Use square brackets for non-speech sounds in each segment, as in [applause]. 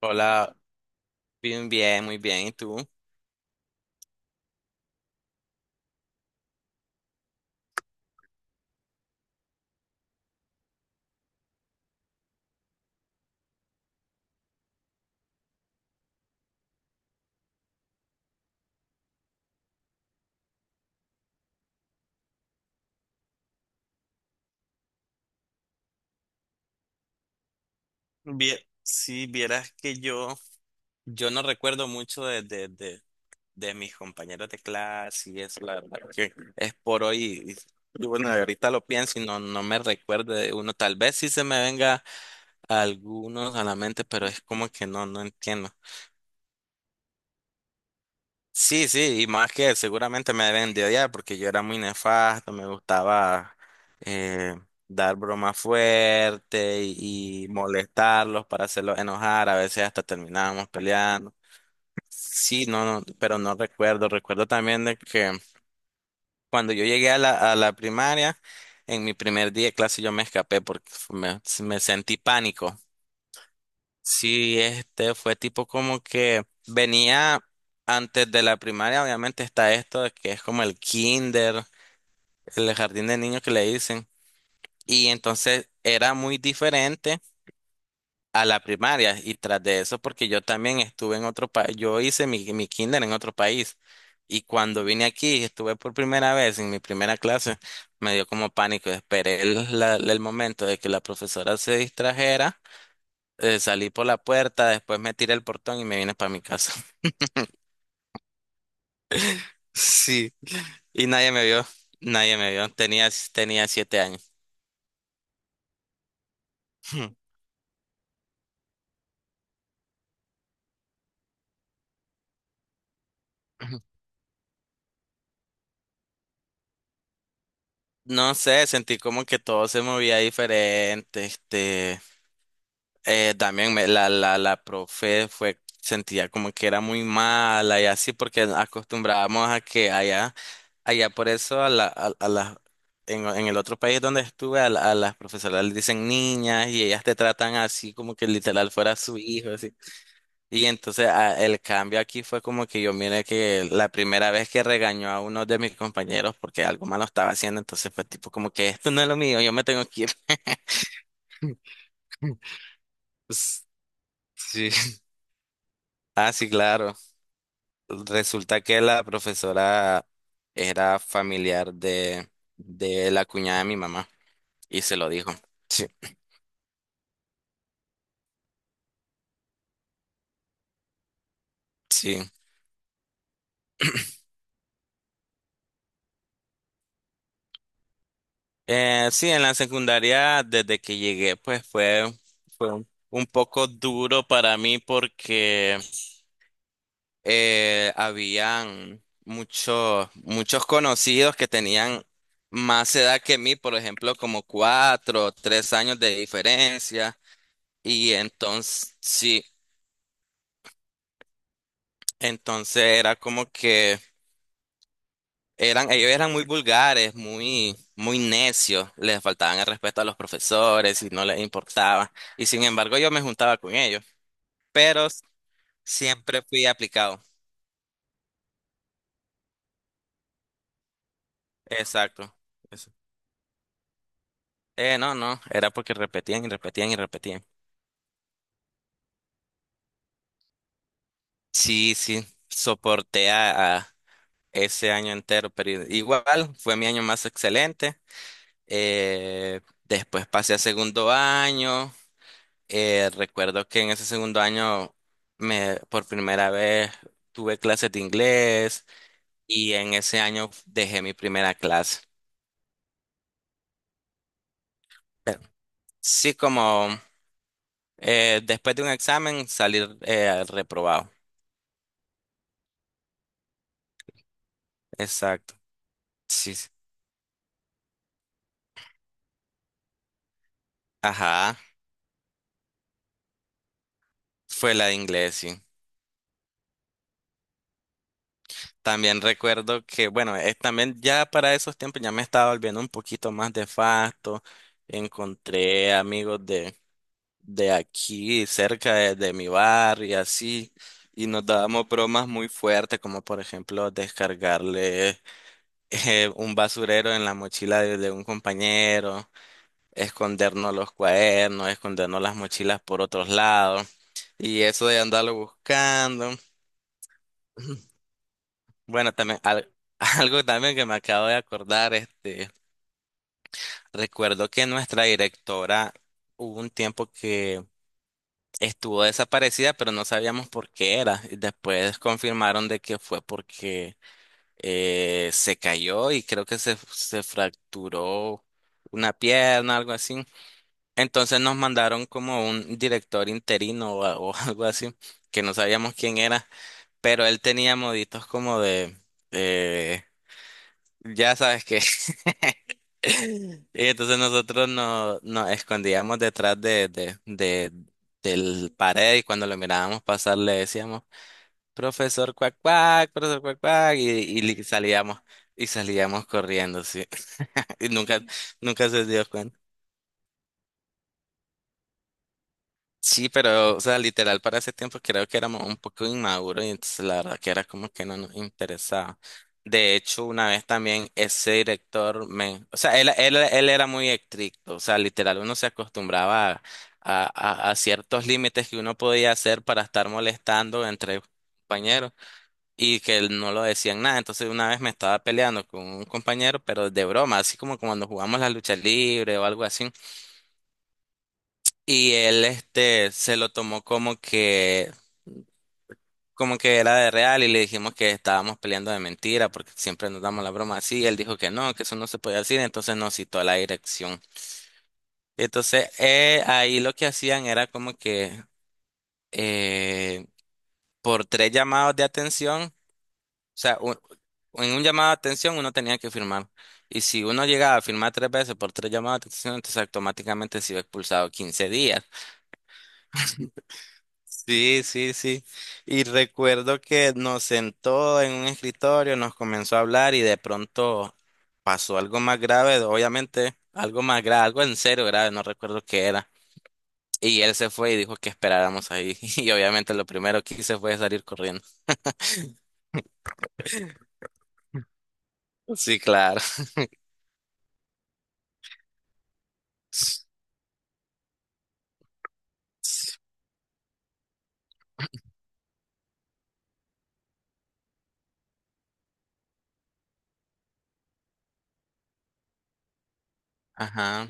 Hola, bien, bien, muy bien. ¿Y tú? Bien, si vieras que yo no recuerdo mucho de mis compañeros de clase y eso, la verdad que es por hoy. Y bueno, ahorita lo pienso y no me recuerdo de uno. Tal vez sí se me venga algunos a la mente, pero es como que no entiendo. Sí, sí, y más que seguramente me deben de odiar porque yo era muy nefasto, me gustaba eh, dar bromas fuertes y molestarlos para hacerlos enojar, a veces hasta terminábamos peleando. Sí, no, no, pero no recuerdo también de que cuando yo llegué a la primaria, en mi primer día de clase yo me escapé porque me sentí pánico. Sí, este fue tipo como que venía antes de la primaria, obviamente está esto de que es como el kinder, el jardín de niños que le dicen. Y entonces era muy diferente a la primaria. Y tras de eso, porque yo también estuve en otro país, yo hice mi kinder en otro país. Y cuando vine aquí, estuve por primera vez en mi primera clase, me dio como pánico. Esperé el momento de que la profesora se distrajera, salí por la puerta, después me tiré el portón y me vine para mi casa. [laughs] Sí. Y nadie me vio, nadie me vio. Tenía 7 años. [laughs] No sé, sentí como que todo se movía diferente. También la profe fue, sentía como que era muy mala y así porque acostumbrábamos a que allá, allá por eso a la, a las, en el otro país donde estuve a las profesoras les dicen niñas y ellas te tratan así como que literal fuera su hijo, así. Y entonces el cambio aquí fue como que yo miré que la primera vez que regañó a uno de mis compañeros porque algo malo estaba haciendo, entonces fue tipo como que esto no es lo mío, yo me tengo que ir. [laughs] Sí. Ah, sí, claro. Resulta que la profesora era familiar de la cuñada de mi mamá y se lo dijo. Sí, sí. Sí, en la secundaria, desde que llegué, pues fue, fue un poco duro para mí porque habían muchos conocidos que tenían más edad que mí, por ejemplo, como 4 o 3 años de diferencia. Y entonces, sí, entonces era como que ellos eran muy vulgares, muy, muy necios, les faltaban el respeto a los profesores y no les importaba. Y sin embargo, yo me juntaba con ellos, pero siempre fui aplicado. Exacto. Eso. No, no, era porque repetían y repetían y repetían. Sí, sí, soporté a ese año entero, pero igual fue mi año más excelente. Después pasé a segundo año. Recuerdo que en ese segundo año me por primera vez tuve clases de inglés y en ese año dejé mi primera clase. Pero sí, como después de un examen salir reprobado. Exacto. Sí. Sí. Ajá. Fue la de inglés, sí. También recuerdo que, bueno, también ya para esos tiempos ya me estaba volviendo un poquito más de facto. Encontré amigos de aquí, cerca de mi bar y así. Y nos dábamos bromas muy fuertes, como por ejemplo descargarle un basurero en la mochila de un compañero, escondernos los cuadernos, escondernos las mochilas por otros lados. Y eso de andarlo buscando. [clears throat] Bueno, también [laughs] algo también que me acabo de acordar, recuerdo que nuestra directora hubo un tiempo que estuvo desaparecida, pero no sabíamos por qué era. Y después confirmaron de que fue porque se cayó y creo que se fracturó una pierna, algo así. Entonces nos mandaron como un director interino o [laughs] algo así, que no sabíamos quién era, pero él tenía moditos como de, eh, ya sabes qué. [laughs] Y entonces nosotros nos escondíamos detrás del pared y cuando lo mirábamos pasar le decíamos, profesor cuac cuac, y salíamos, y salíamos corriendo, sí. [laughs] Y nunca, nunca se dio cuenta. Sí, pero, o sea, literal, para ese tiempo creo que éramos un poco inmaduros y entonces la verdad que era como que no nos interesaba. De hecho, una vez también ese director me, o sea, él era muy estricto, o sea, literal, uno se acostumbraba a ciertos límites que uno podía hacer para estar molestando entre compañeros y que él no lo decían nada. Entonces, una vez me estaba peleando con un compañero, pero de broma, así como cuando jugamos la lucha libre o algo así. Y él se lo tomó como que era de real y le dijimos que estábamos peleando de mentira porque siempre nos damos la broma así. Él dijo que no, que eso no se podía decir, entonces nos citó a la dirección. Entonces ahí lo que hacían era como que eh, por tres llamados de atención, o sea, en un llamado de atención uno tenía que firmar. Y si uno llegaba a firmar tres veces por tres llamados de atención, entonces automáticamente se iba expulsado 15 días. Sí, sí, sí. Y recuerdo que nos sentó en un escritorio, nos comenzó a hablar y de pronto pasó algo más grave, obviamente, algo más grave, algo en serio grave, no recuerdo qué era. Y él se fue y dijo que esperáramos ahí. [laughs] Y obviamente lo primero que hice fue salir corriendo. Sí, claro. Ajá.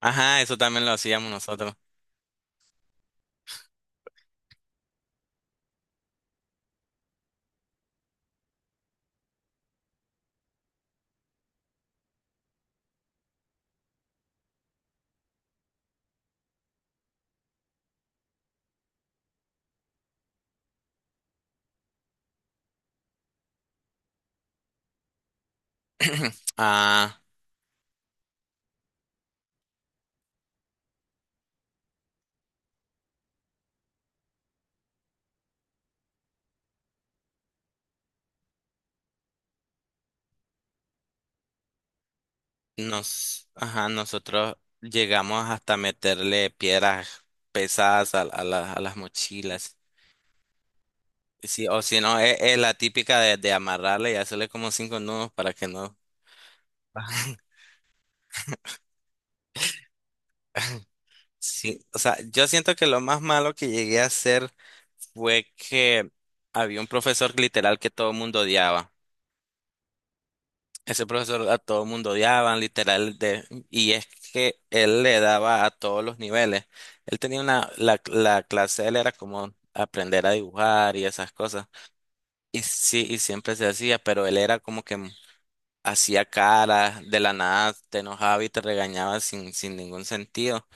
Ajá, eso también lo hacíamos nosotros. Ah, ajá, nosotros llegamos hasta meterle piedras pesadas a las mochilas. Sí, o si no, es la típica de amarrarle y hacerle como cinco nudos para que no baje. Sí, o sea, yo siento que lo más malo que llegué a hacer fue que había un profesor literal que todo el mundo odiaba. Ese profesor a todo el mundo odiaban, literal, de, y es que él le daba a todos los niveles. Él tenía una, la clase de él era como aprender a dibujar y esas cosas. Y sí, y siempre se hacía, pero él era como que hacía caras, de la nada te enojaba y te regañaba sin ningún sentido.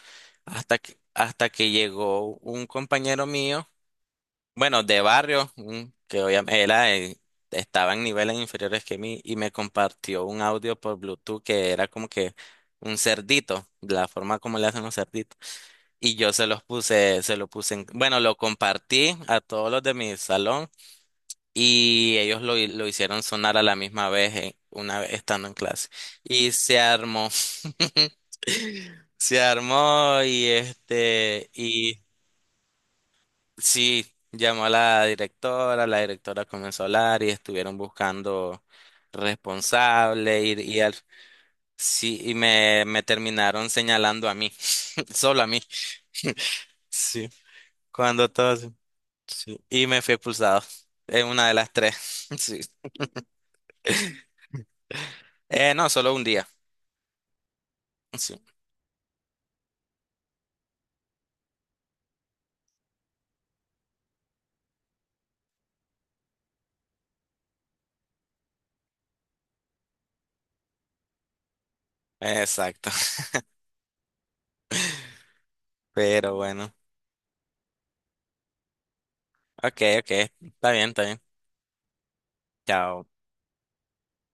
Hasta que llegó un compañero mío, bueno, de barrio, que obviamente era, estaba en niveles inferiores que mí, y me compartió un audio por Bluetooth que era como que un cerdito, de la forma como le hacen los cerditos. Y yo se lo puse en, bueno, lo compartí a todos los de mi salón. Y ellos lo hicieron sonar a la misma vez, una vez estando en clase. Y se armó, [laughs] se armó y y sí, llamó a la directora comenzó a hablar y estuvieron buscando responsable y sí, y me terminaron señalando a mí, [laughs] solo a mí. [laughs] Sí, cuando todos, sí. Y me fui expulsado en una de las tres. [laughs] Sí. No, solo un día. Sí. Exacto. [laughs] Pero bueno. Ok, ok. Está bien, está bien. Chao.